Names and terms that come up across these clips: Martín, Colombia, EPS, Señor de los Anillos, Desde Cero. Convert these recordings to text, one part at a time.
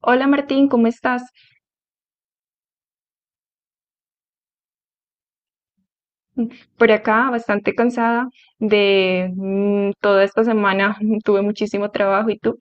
Hola Martín, ¿cómo estás? Por acá, bastante cansada de toda esta semana, tuve muchísimo trabajo. ¿Y tú?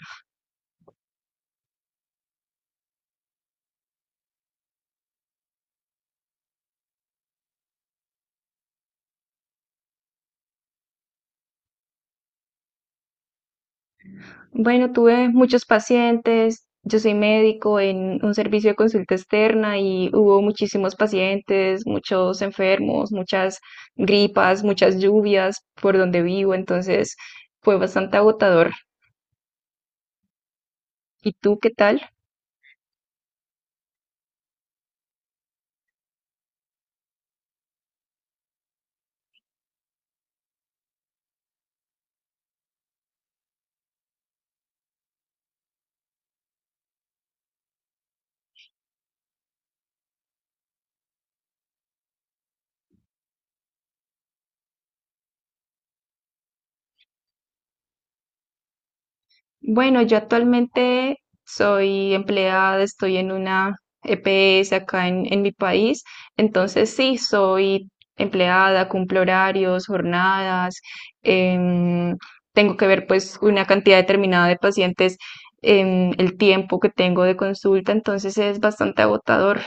Bueno, tuve muchos pacientes. Yo soy médico en un servicio de consulta externa y hubo muchísimos pacientes, muchos enfermos, muchas gripas, muchas lluvias por donde vivo, entonces fue bastante agotador. ¿Y tú qué tal? Bueno, yo actualmente soy empleada, estoy en una EPS acá en mi país, entonces sí, soy empleada, cumplo horarios, jornadas, em, tengo que ver pues una cantidad determinada de pacientes, el tiempo que tengo de consulta, entonces es bastante agotador.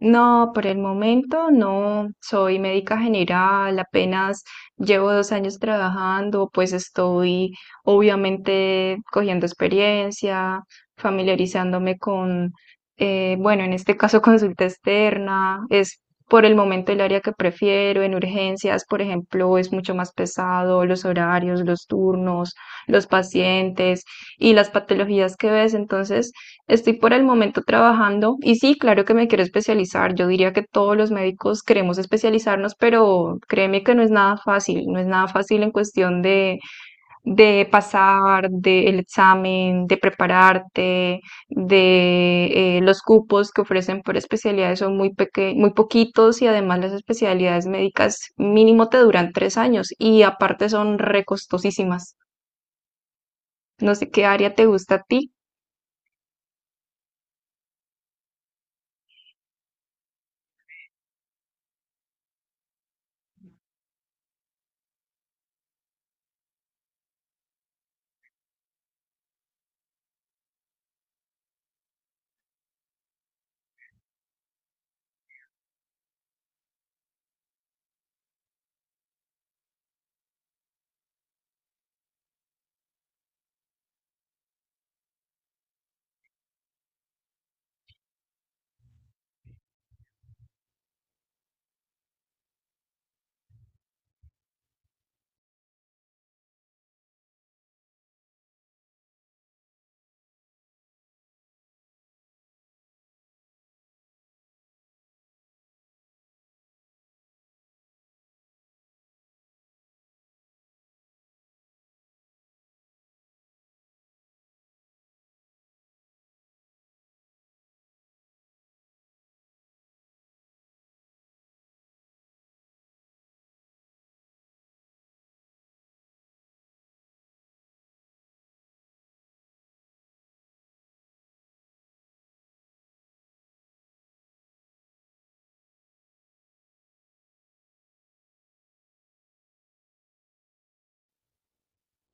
No, por el momento no. Soy médica general, apenas llevo dos años trabajando, pues estoy obviamente cogiendo experiencia, familiarizándome con, bueno, en este caso, consulta externa es por el momento el área que prefiero. En urgencias, por ejemplo, es mucho más pesado los horarios, los turnos, los pacientes y las patologías que ves. Entonces, estoy por el momento trabajando y sí, claro que me quiero especializar. Yo diría que todos los médicos queremos especializarnos, pero créeme que no es nada fácil. No es nada fácil en cuestión de pasar, del examen, de prepararte, de los cupos que ofrecen por especialidades son muy poquitos, y además las especialidades médicas mínimo te duran tres años y aparte son recostosísimas. No sé qué área te gusta a ti.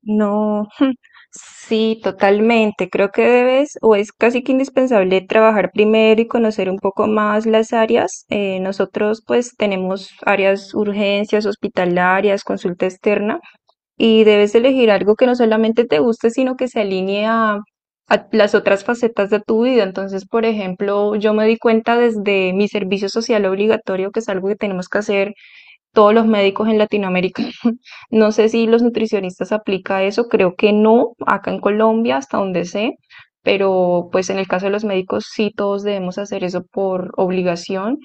No, sí, totalmente. Creo que debes, o es casi que indispensable, trabajar primero y conocer un poco más las áreas. Nosotros pues tenemos áreas urgencias, hospitalarias, consulta externa, y debes elegir algo que no solamente te guste, sino que se alinee a las otras facetas de tu vida. Entonces, por ejemplo, yo me di cuenta desde mi servicio social obligatorio, que es algo que tenemos que hacer todos los médicos en Latinoamérica. No sé si los nutricionistas aplica eso, creo que no, acá en Colombia, hasta donde sé, pero pues en el caso de los médicos sí, todos debemos hacer eso por obligación.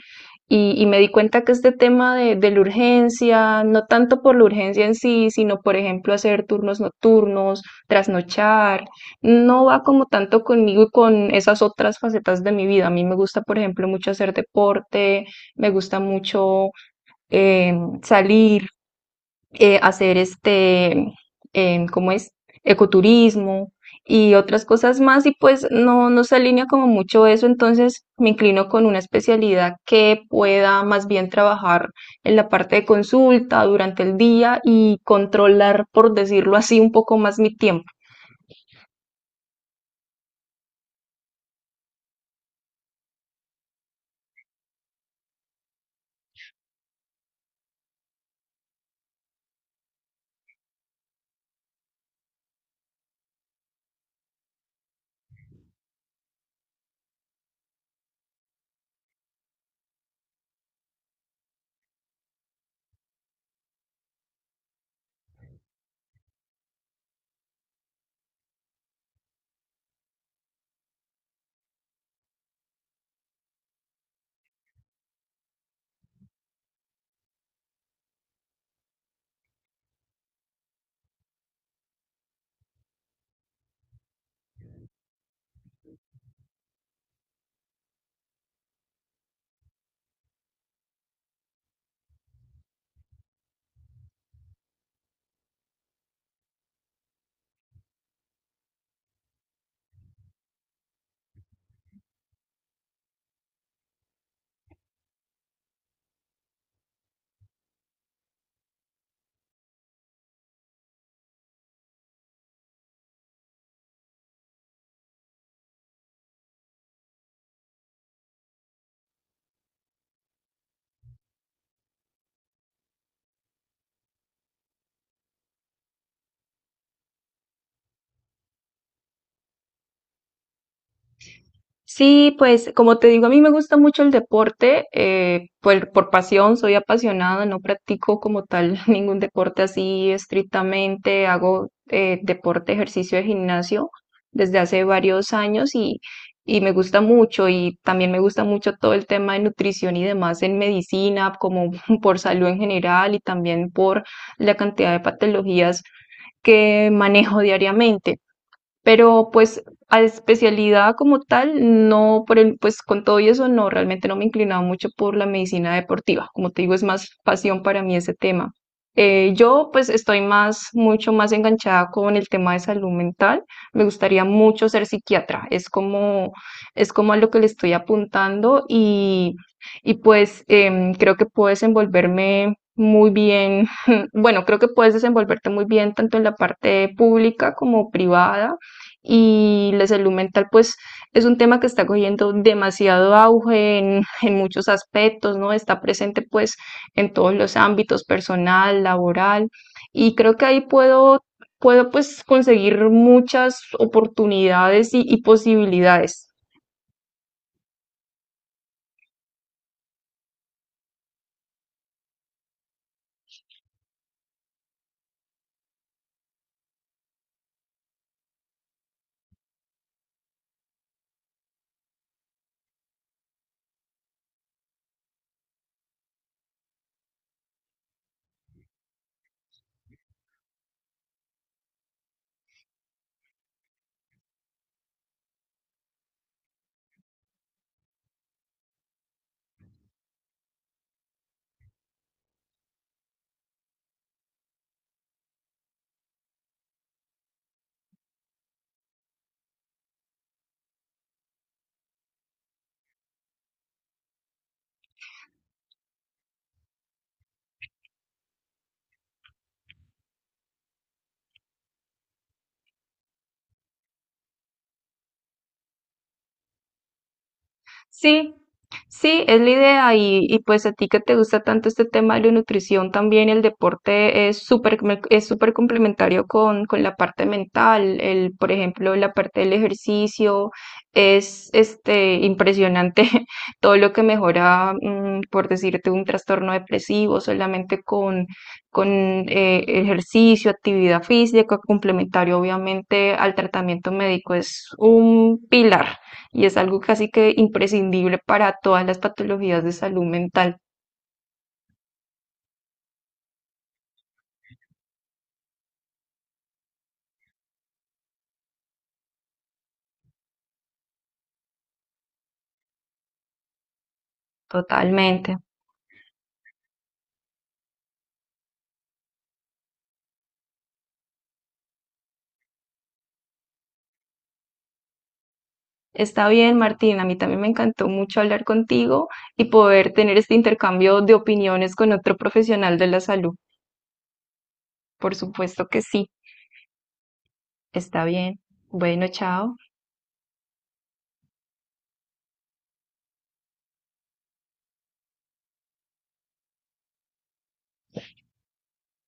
Y me di cuenta que este tema de la urgencia, no tanto por la urgencia en sí, sino por ejemplo hacer turnos nocturnos, trasnochar, no va como tanto conmigo y con esas otras facetas de mi vida. A mí me gusta, por ejemplo, mucho hacer deporte, me gusta mucho eh, salir, hacer, ¿cómo es? Ecoturismo y otras cosas más, y pues no, no se alinea como mucho eso, entonces me inclino con una especialidad que pueda más bien trabajar en la parte de consulta durante el día y controlar, por decirlo así, un poco más mi tiempo. Sí, pues como te digo, a mí me gusta mucho el deporte, por pasión, soy apasionada, no practico como tal ningún deporte así estrictamente, hago deporte, ejercicio de gimnasio desde hace varios años y me gusta mucho, y también me gusta mucho todo el tema de nutrición y demás en medicina, como por salud en general y también por la cantidad de patologías que manejo diariamente. Pero pues a especialidad como tal, no, por el, pues con todo y eso, no, realmente no me he inclinado mucho por la medicina deportiva. Como te digo, es más pasión para mí ese tema. Yo pues estoy más, mucho más enganchada con el tema de salud mental. Me gustaría mucho ser psiquiatra. Es como a lo que le estoy apuntando, y pues creo que puedo desenvolverme muy bien. Bueno, creo que puedes desenvolverte muy bien tanto en la parte pública como privada, y la salud mental pues es un tema que está cogiendo demasiado auge en muchos aspectos, ¿no? Está presente pues en todos los ámbitos, personal, laboral, y creo que ahí puedo pues conseguir muchas oportunidades y posibilidades. Sí, sí, es la idea y pues a ti que te gusta tanto este tema de la nutrición, también el deporte es es súper complementario con la parte mental. El, por ejemplo, la parte del ejercicio es este impresionante, todo lo que mejora por decirte un trastorno depresivo solamente con ejercicio, actividad física complementario, obviamente, al tratamiento médico, es un pilar y es algo casi que imprescindible para todas las patologías de salud mental, totalmente. Está bien, Martín, a mí también me encantó mucho hablar contigo y poder tener este intercambio de opiniones con otro profesional de la salud. Por supuesto que sí, está bien. Bueno, chao.